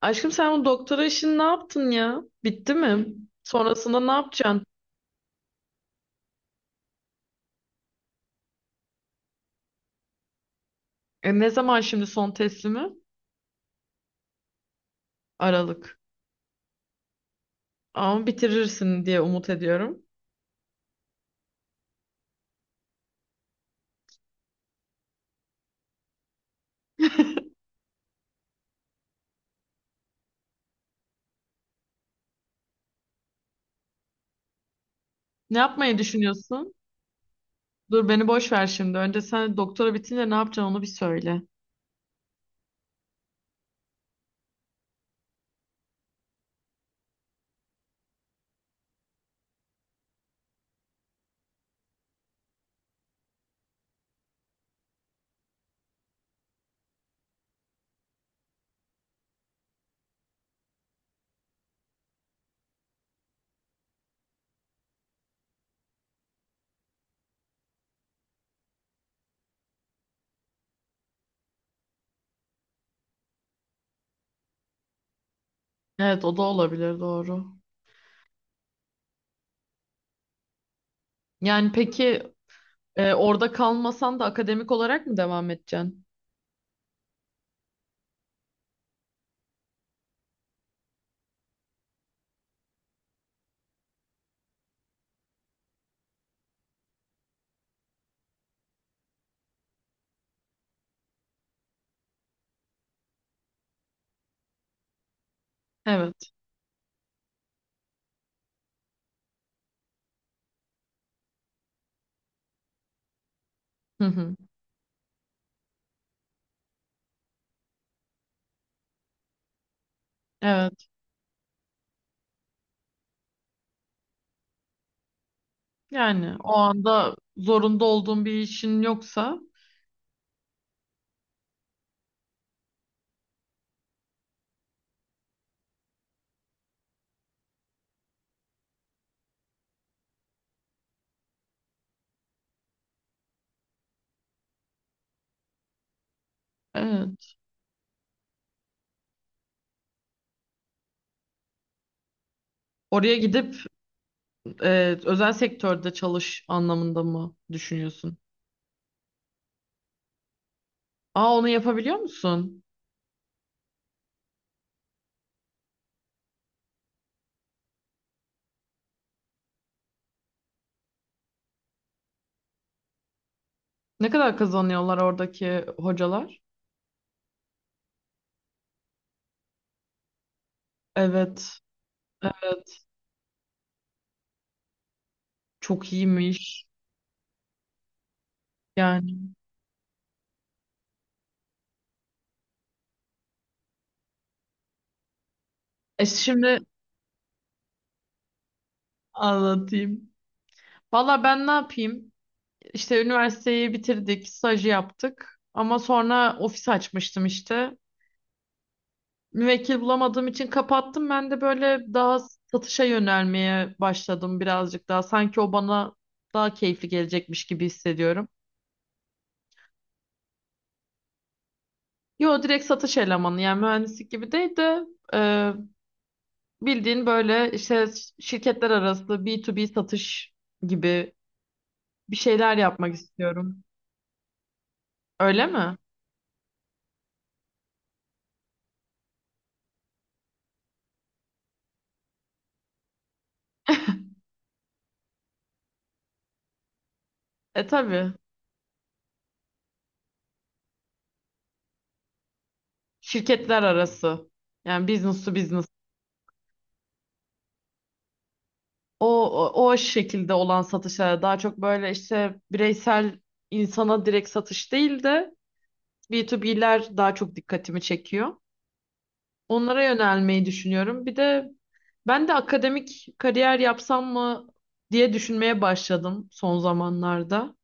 Aşkım sen bu doktora işini ne yaptın ya? Bitti mi? Sonrasında ne yapacaksın? Ne zaman şimdi son teslimi? Aralık. Ama bitirirsin diye umut ediyorum. Ne yapmayı düşünüyorsun? Dur beni boş ver şimdi. Önce sen doktora bitince ne yapacaksın onu bir söyle. Evet o da olabilir doğru. Yani peki, orada kalmasan da akademik olarak mı devam edeceksin? Evet. Hı hı. Evet. Yani o anda zorunda olduğun bir işin yoksa evet. Oraya gidip özel sektörde çalış anlamında mı düşünüyorsun? Aa onu yapabiliyor musun? Ne kadar kazanıyorlar oradaki hocalar? Evet, evet. Çok iyiymiş. Yani. E şimdi anlatayım. Valla ben ne yapayım? İşte üniversiteyi bitirdik, stajı yaptık. Ama sonra ofis açmıştım işte. Müvekkil bulamadığım için kapattım. Ben de böyle daha satışa yönelmeye başladım birazcık daha. Sanki o bana daha keyifli gelecekmiş gibi hissediyorum. Yo, direkt satış elemanı, yani mühendislik gibi değil de bildiğin böyle işte şirketler arası B2B satış gibi bir şeyler yapmak istiyorum. Öyle mi? E tabii. Şirketler arası. Yani business to business. O, o, o şekilde olan satışlara daha çok, böyle işte bireysel insana direkt satış değil de B2B'ler daha çok dikkatimi çekiyor. Onlara yönelmeyi düşünüyorum. Bir de ben de akademik kariyer yapsam mı diye düşünmeye başladım son zamanlarda.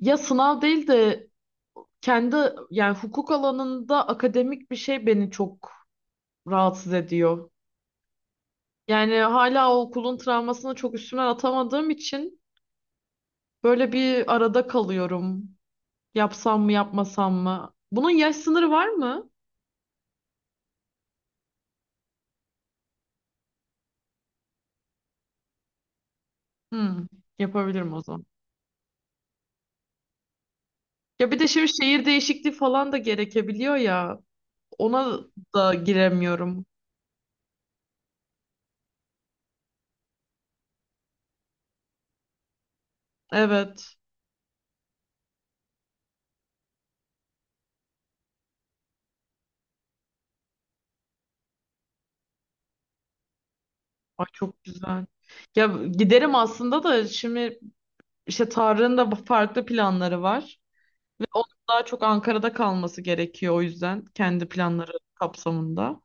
Ya sınav değil de kendi, yani hukuk alanında akademik bir şey beni çok rahatsız ediyor. Yani hala o okulun travmasını çok üstümden atamadığım için böyle bir arada kalıyorum. Yapsam mı yapmasam mı? Bunun yaş sınırı var mı? Hmm, yapabilirim o zaman. Ya bir de şimdi şehir değişikliği falan da gerekebiliyor ya. Ona da giremiyorum. Evet. Ay çok güzel. Ya giderim aslında da şimdi İşte Tarık'ın da farklı planları var. Ve onun daha çok Ankara'da kalması gerekiyor o yüzden kendi planları kapsamında.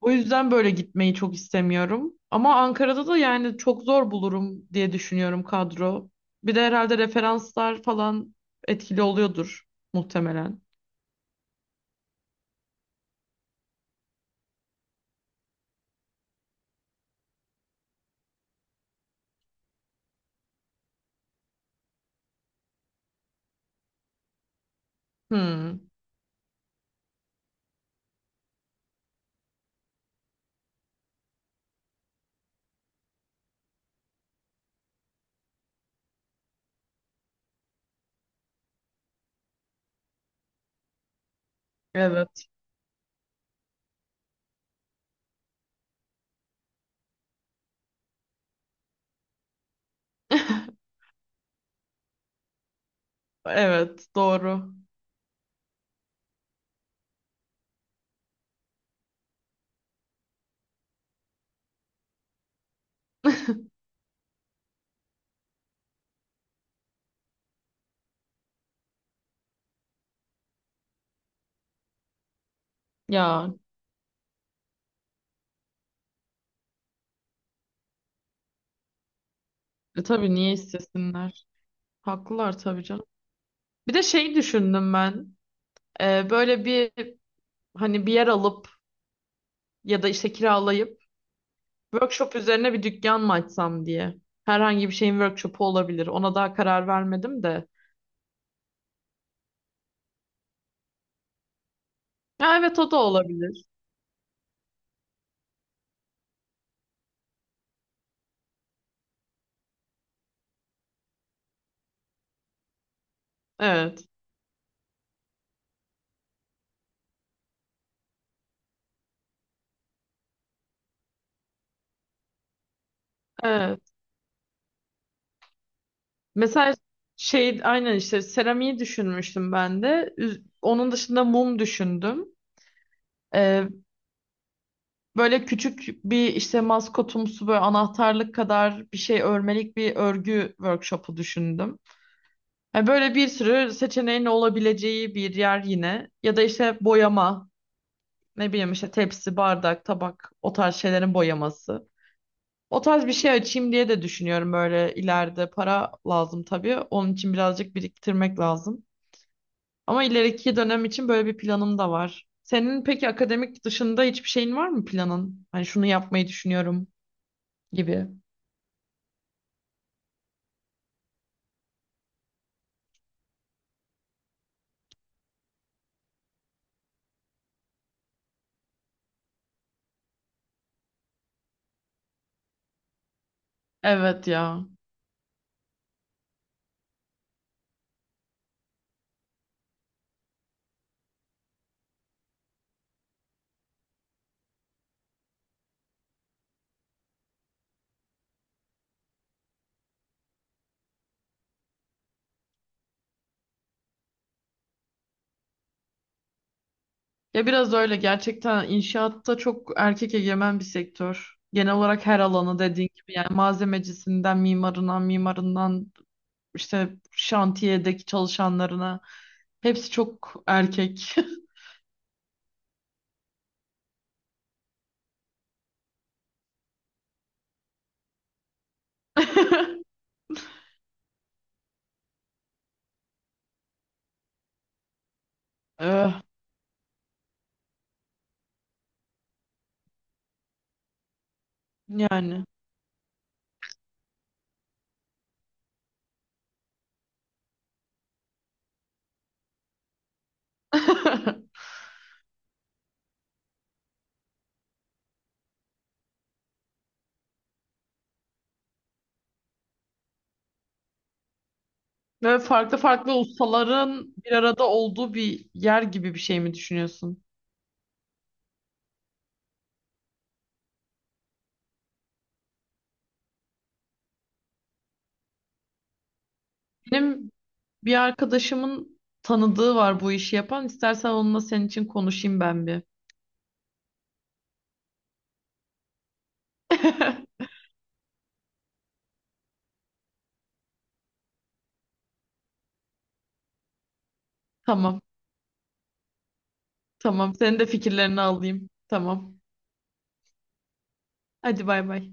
O yüzden böyle gitmeyi çok istemiyorum. Ama Ankara'da da yani çok zor bulurum diye düşünüyorum kadro. Bir de herhalde referanslar falan etkili oluyordur muhtemelen. Hmm, evet. Evet, doğru. Ya tabii niye istesinler? Haklılar tabii canım. Bir de şey düşündüm ben. Böyle bir, hani bir yer alıp ya da işte kiralayıp workshop üzerine bir dükkan mı açsam diye. Herhangi bir şeyin workshopu olabilir. Ona daha karar vermedim de. Ya evet o da olabilir. Evet. Evet. Mesela şey, aynen işte seramiği düşünmüştüm ben de. Onun dışında mum düşündüm. Ee, Böyle küçük bir işte maskotumsu, böyle anahtarlık kadar bir şey, örmelik bir örgü workshopu düşündüm. Yani böyle bir sürü seçeneğin olabileceği bir yer yine. Ya da işte boyama. Ne bileyim işte tepsi, bardak, tabak o tarz şeylerin boyaması. O tarz bir şey açayım diye de düşünüyorum böyle, ileride para lazım tabii. Onun için birazcık biriktirmek lazım. Ama ileriki dönem için böyle bir planım da var. Senin peki akademik dışında hiçbir şeyin var mı, planın? Hani şunu yapmayı düşünüyorum gibi. Evet ya. Ya biraz öyle, gerçekten inşaatta çok erkek egemen bir sektör. Genel olarak her alanı dediğin gibi yani malzemecisinden, mimarından, işte şantiyedeki çalışanlarına hepsi çok erkek. Eh, yani. Ve farklı farklı ustaların bir arada olduğu bir yer gibi bir şey mi düşünüyorsun? Benim bir arkadaşımın tanıdığı var bu işi yapan. İstersen onunla senin için konuşayım ben bir. Tamam. Tamam. Senin de fikirlerini alayım. Tamam. Hadi bay bay.